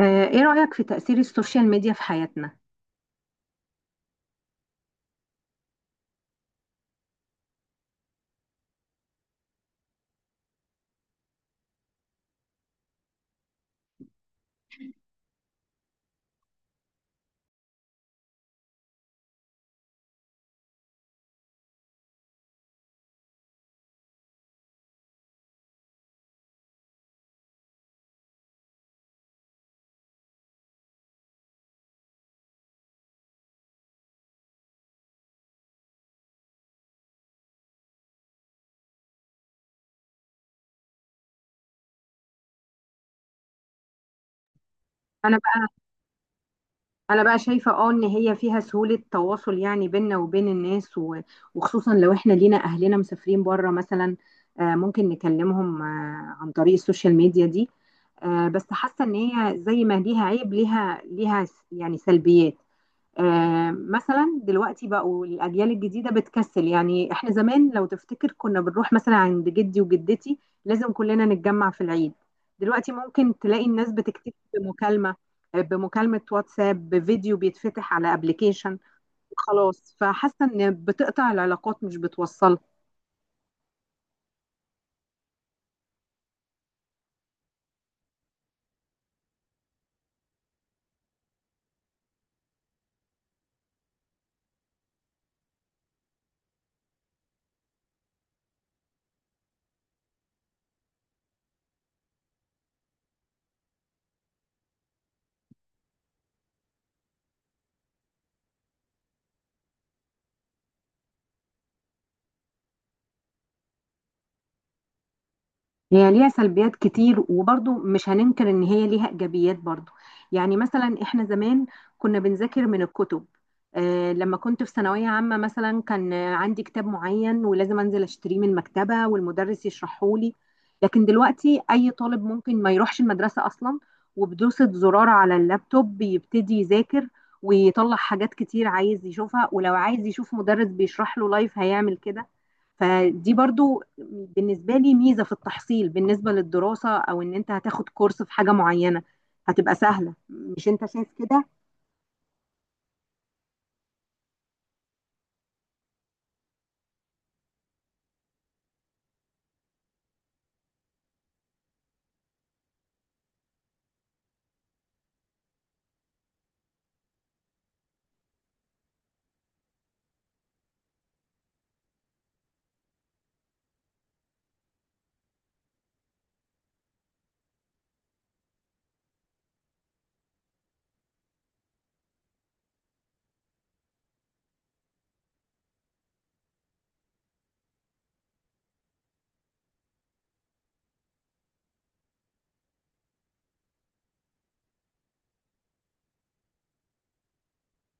ايه رأيك في تأثير السوشيال ميديا في حياتنا؟ انا بقى انا بقى شايفة ان هي فيها سهولة تواصل، يعني بيننا وبين الناس وخصوصا لو احنا لينا اهلنا مسافرين بره مثلا. ممكن نكلمهم عن طريق السوشيال ميديا دي. بس حاسة ان هي زي ما ليها عيب، ليها يعني سلبيات. مثلا دلوقتي بقوا الاجيال الجديده بتكسل، يعني احنا زمان لو تفتكر كنا بنروح مثلا عند جدي وجدتي، لازم كلنا نتجمع في العيد. دلوقتي ممكن تلاقي الناس بتكتب بمكالمه بمكالمه واتساب، بفيديو بيتفتح على ابلكيشن، وخلاص. فحاسه ان بتقطع العلاقات مش بتوصلها. هي ليها سلبيات كتير، وبرضو مش هننكر ان هي ليها ايجابيات برضو. يعني مثلا احنا زمان كنا بنذاكر من الكتب. لما كنت في ثانوية عامة مثلا كان عندي كتاب معين، ولازم انزل اشتريه من المكتبة والمدرس يشرحه لي. لكن دلوقتي اي طالب ممكن ما يروحش المدرسة اصلا، وبدوسة زرار على اللابتوب بيبتدي يذاكر ويطلع حاجات كتير عايز يشوفها، ولو عايز يشوف مدرس بيشرح له لايف هيعمل كده. فدي برضو بالنسبة لي ميزة في التحصيل، بالنسبة للدراسة أو إن أنت هتاخد كورس في حاجة معينة هتبقى سهلة. مش أنت شايف كده؟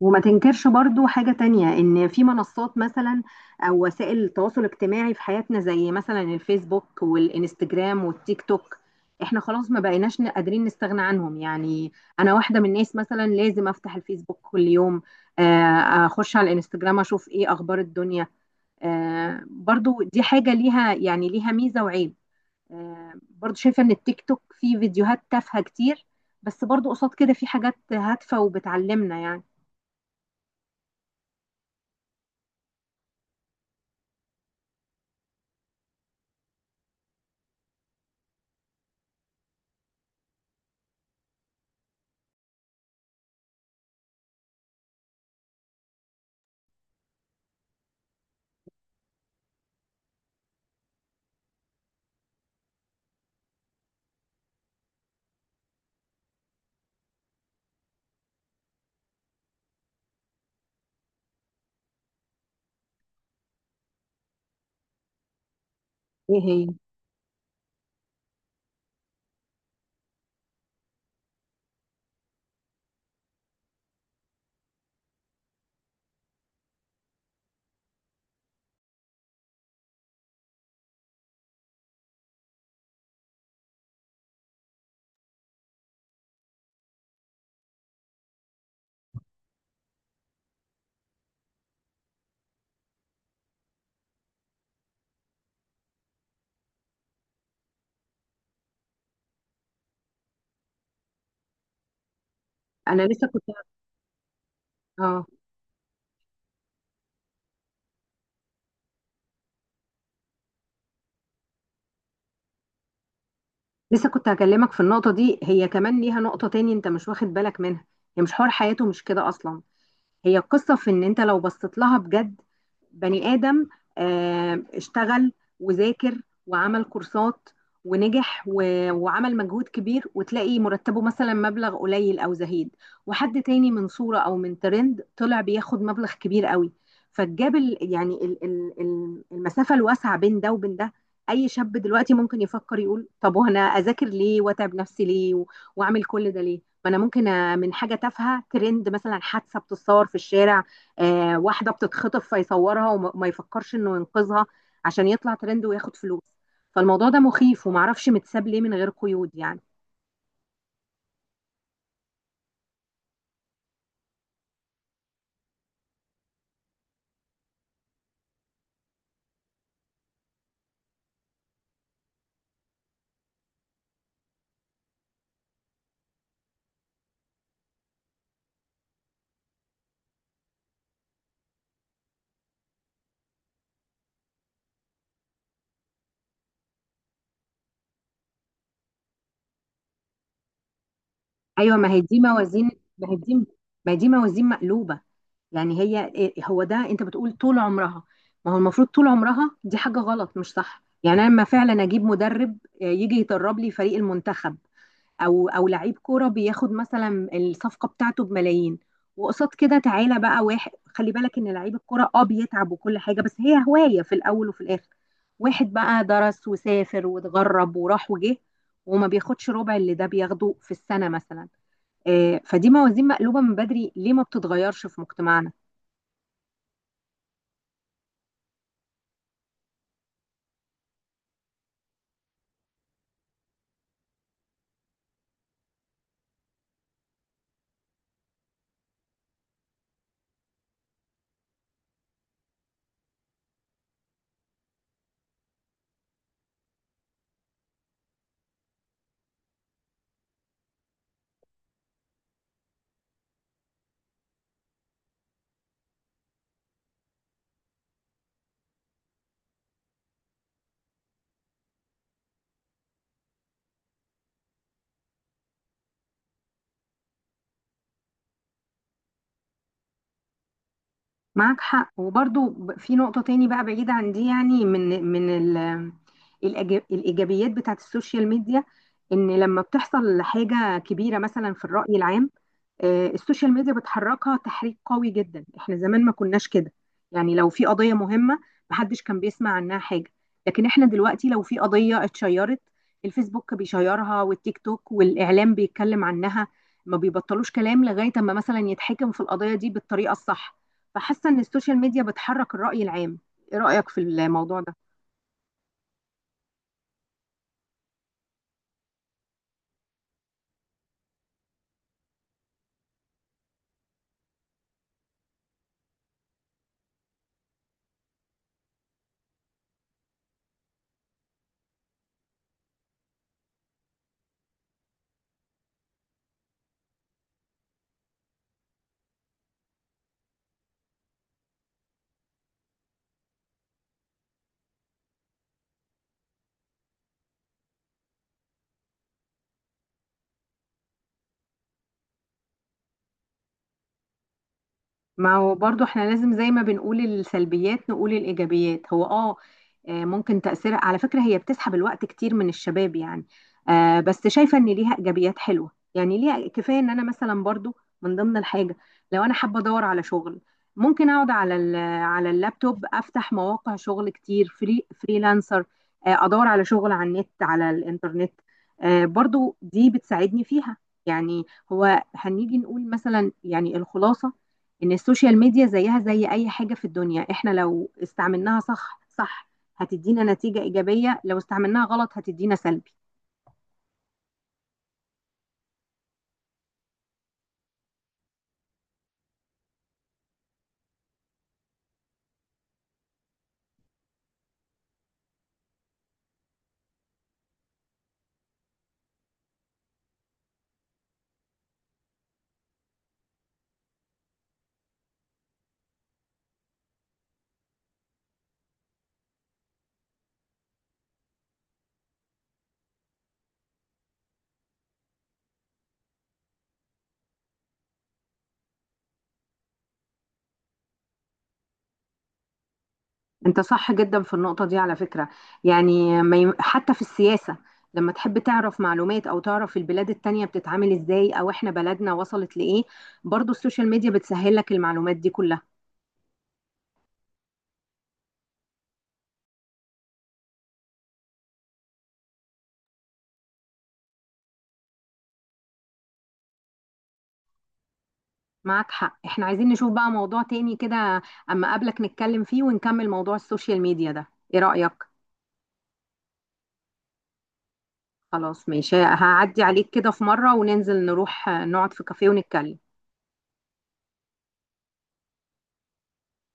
وما تنكرش برضو حاجة تانية، إن في منصات مثلا أو وسائل التواصل الاجتماعي في حياتنا زي مثلا الفيسبوك والإنستجرام والتيك توك. إحنا خلاص ما بقيناش قادرين نستغنى عنهم يعني. أنا واحدة من الناس مثلا لازم أفتح الفيسبوك كل يوم. أخش على الإنستجرام أشوف إيه أخبار الدنيا. برضو دي حاجة ليها ميزة وعيب. برضو شايفة ان التيك توك فيه فيديوهات تافهة كتير، بس برضو قصاد كده في حاجات هادفة وبتعلمنا يعني. ايه هي؟ انا لسه كنت اه لسه كنت هكلمك في النقطة دي. هي كمان ليها نقطة تاني انت مش واخد بالك منها. هي مش حوار، حياته مش كده اصلا. هي القصة في ان انت لو بصيت لها بجد، بني آدم اشتغل وذاكر وعمل كورسات ونجح وعمل مجهود كبير، وتلاقي مرتبه مثلا مبلغ قليل او زهيد، وحد تاني من صورة او من ترند طلع بياخد مبلغ كبير قوي. فالجاب المسافة الواسعة بين ده وبين ده. اي شاب دلوقتي ممكن يفكر يقول: طب وانا اذاكر ليه واتعب نفسي ليه واعمل كل ده ليه؟ ما انا ممكن من حاجه تافهه ترند، مثلا حادثه بتتصور في الشارع، واحده بتتخطف فيصورها وما ما يفكرش انه ينقذها، عشان يطلع ترند وياخد فلوس. فالموضوع ده مخيف، ومعرفش متساب ليه من غير قيود يعني. ايوه، ما هي دي ما هي دي موازين مقلوبه. يعني هي هو ده انت بتقول طول عمرها. ما هو المفروض طول عمرها دي حاجه غلط مش صح. يعني انا لما فعلا اجيب مدرب يجي يدرب لي فريق المنتخب، او لعيب كوره بياخد مثلا الصفقه بتاعته بملايين، وقصاد كده تعالى بقى واحد خلي بالك ان لعيب الكوره بيتعب وكل حاجه، بس هي هوايه في الاول وفي الاخر. واحد بقى درس وسافر واتغرب وراح وجه، وما بياخدش ربع اللي ده بياخده في السنه مثلا. فدي موازين مقلوبه من بدري، ليه ما بتتغيرش في مجتمعنا؟ معاك حق. وبرضو في نقطة تاني بقى بعيد عن دي، يعني من الإيجابيات بتاعت السوشيال ميديا، إن لما بتحصل حاجة كبيرة مثلا في الرأي العام، السوشيال ميديا بتحركها تحريك قوي جدا. احنا زمان ما كناش كده. يعني لو في قضية مهمة، محدش كان بيسمع عنها حاجة. لكن احنا دلوقتي لو في قضية اتشيرت، الفيسبوك بيشيرها والتيك توك والإعلام بيتكلم عنها، ما بيبطلوش كلام لغاية اما مثلا يتحكم في القضية دي بالطريقة الصح. فحاسة ان السوشيال ميديا بتحرك الرأي العام. ايه رأيك في الموضوع ده؟ ما هو برضو احنا لازم زي ما بنقول السلبيات نقول الإيجابيات. هو ممكن تأثيرها على فكرة هي بتسحب الوقت كتير من الشباب يعني. بس شايفة ان ليها إيجابيات حلوة، يعني ليها كفاية ان انا مثلا برضو من ضمن الحاجة، لو انا حابة ادور على شغل ممكن اقعد على اللابتوب افتح مواقع شغل كتير، فريلانسر. ادور على شغل على النت على الانترنت. برضو دي بتساعدني فيها يعني. هو هنيجي نقول مثلا يعني الخلاصة، ان السوشيال ميديا زيها زي اي حاجه في الدنيا، احنا لو استعملناها صح صح هتدينا نتيجه ايجابيه، لو استعملناها غلط هتدينا سلبي. انت صح جدا في النقطه دي على فكره. يعني ما يم- حتى في السياسه، لما تحب تعرف معلومات او تعرف البلاد التانية بتتعامل ازاي، او احنا بلدنا وصلت لايه، برضو السوشيال ميديا بتسهل لك المعلومات دي كلها. معك حق. احنا عايزين نشوف بقى موضوع تاني كده اما اقابلك نتكلم فيه ونكمل موضوع السوشيال ميديا ده. ايه رأيك؟ خلاص ماشي، هعدي عليك كده في مرة وننزل نروح نقعد في كافيه ونتكلم.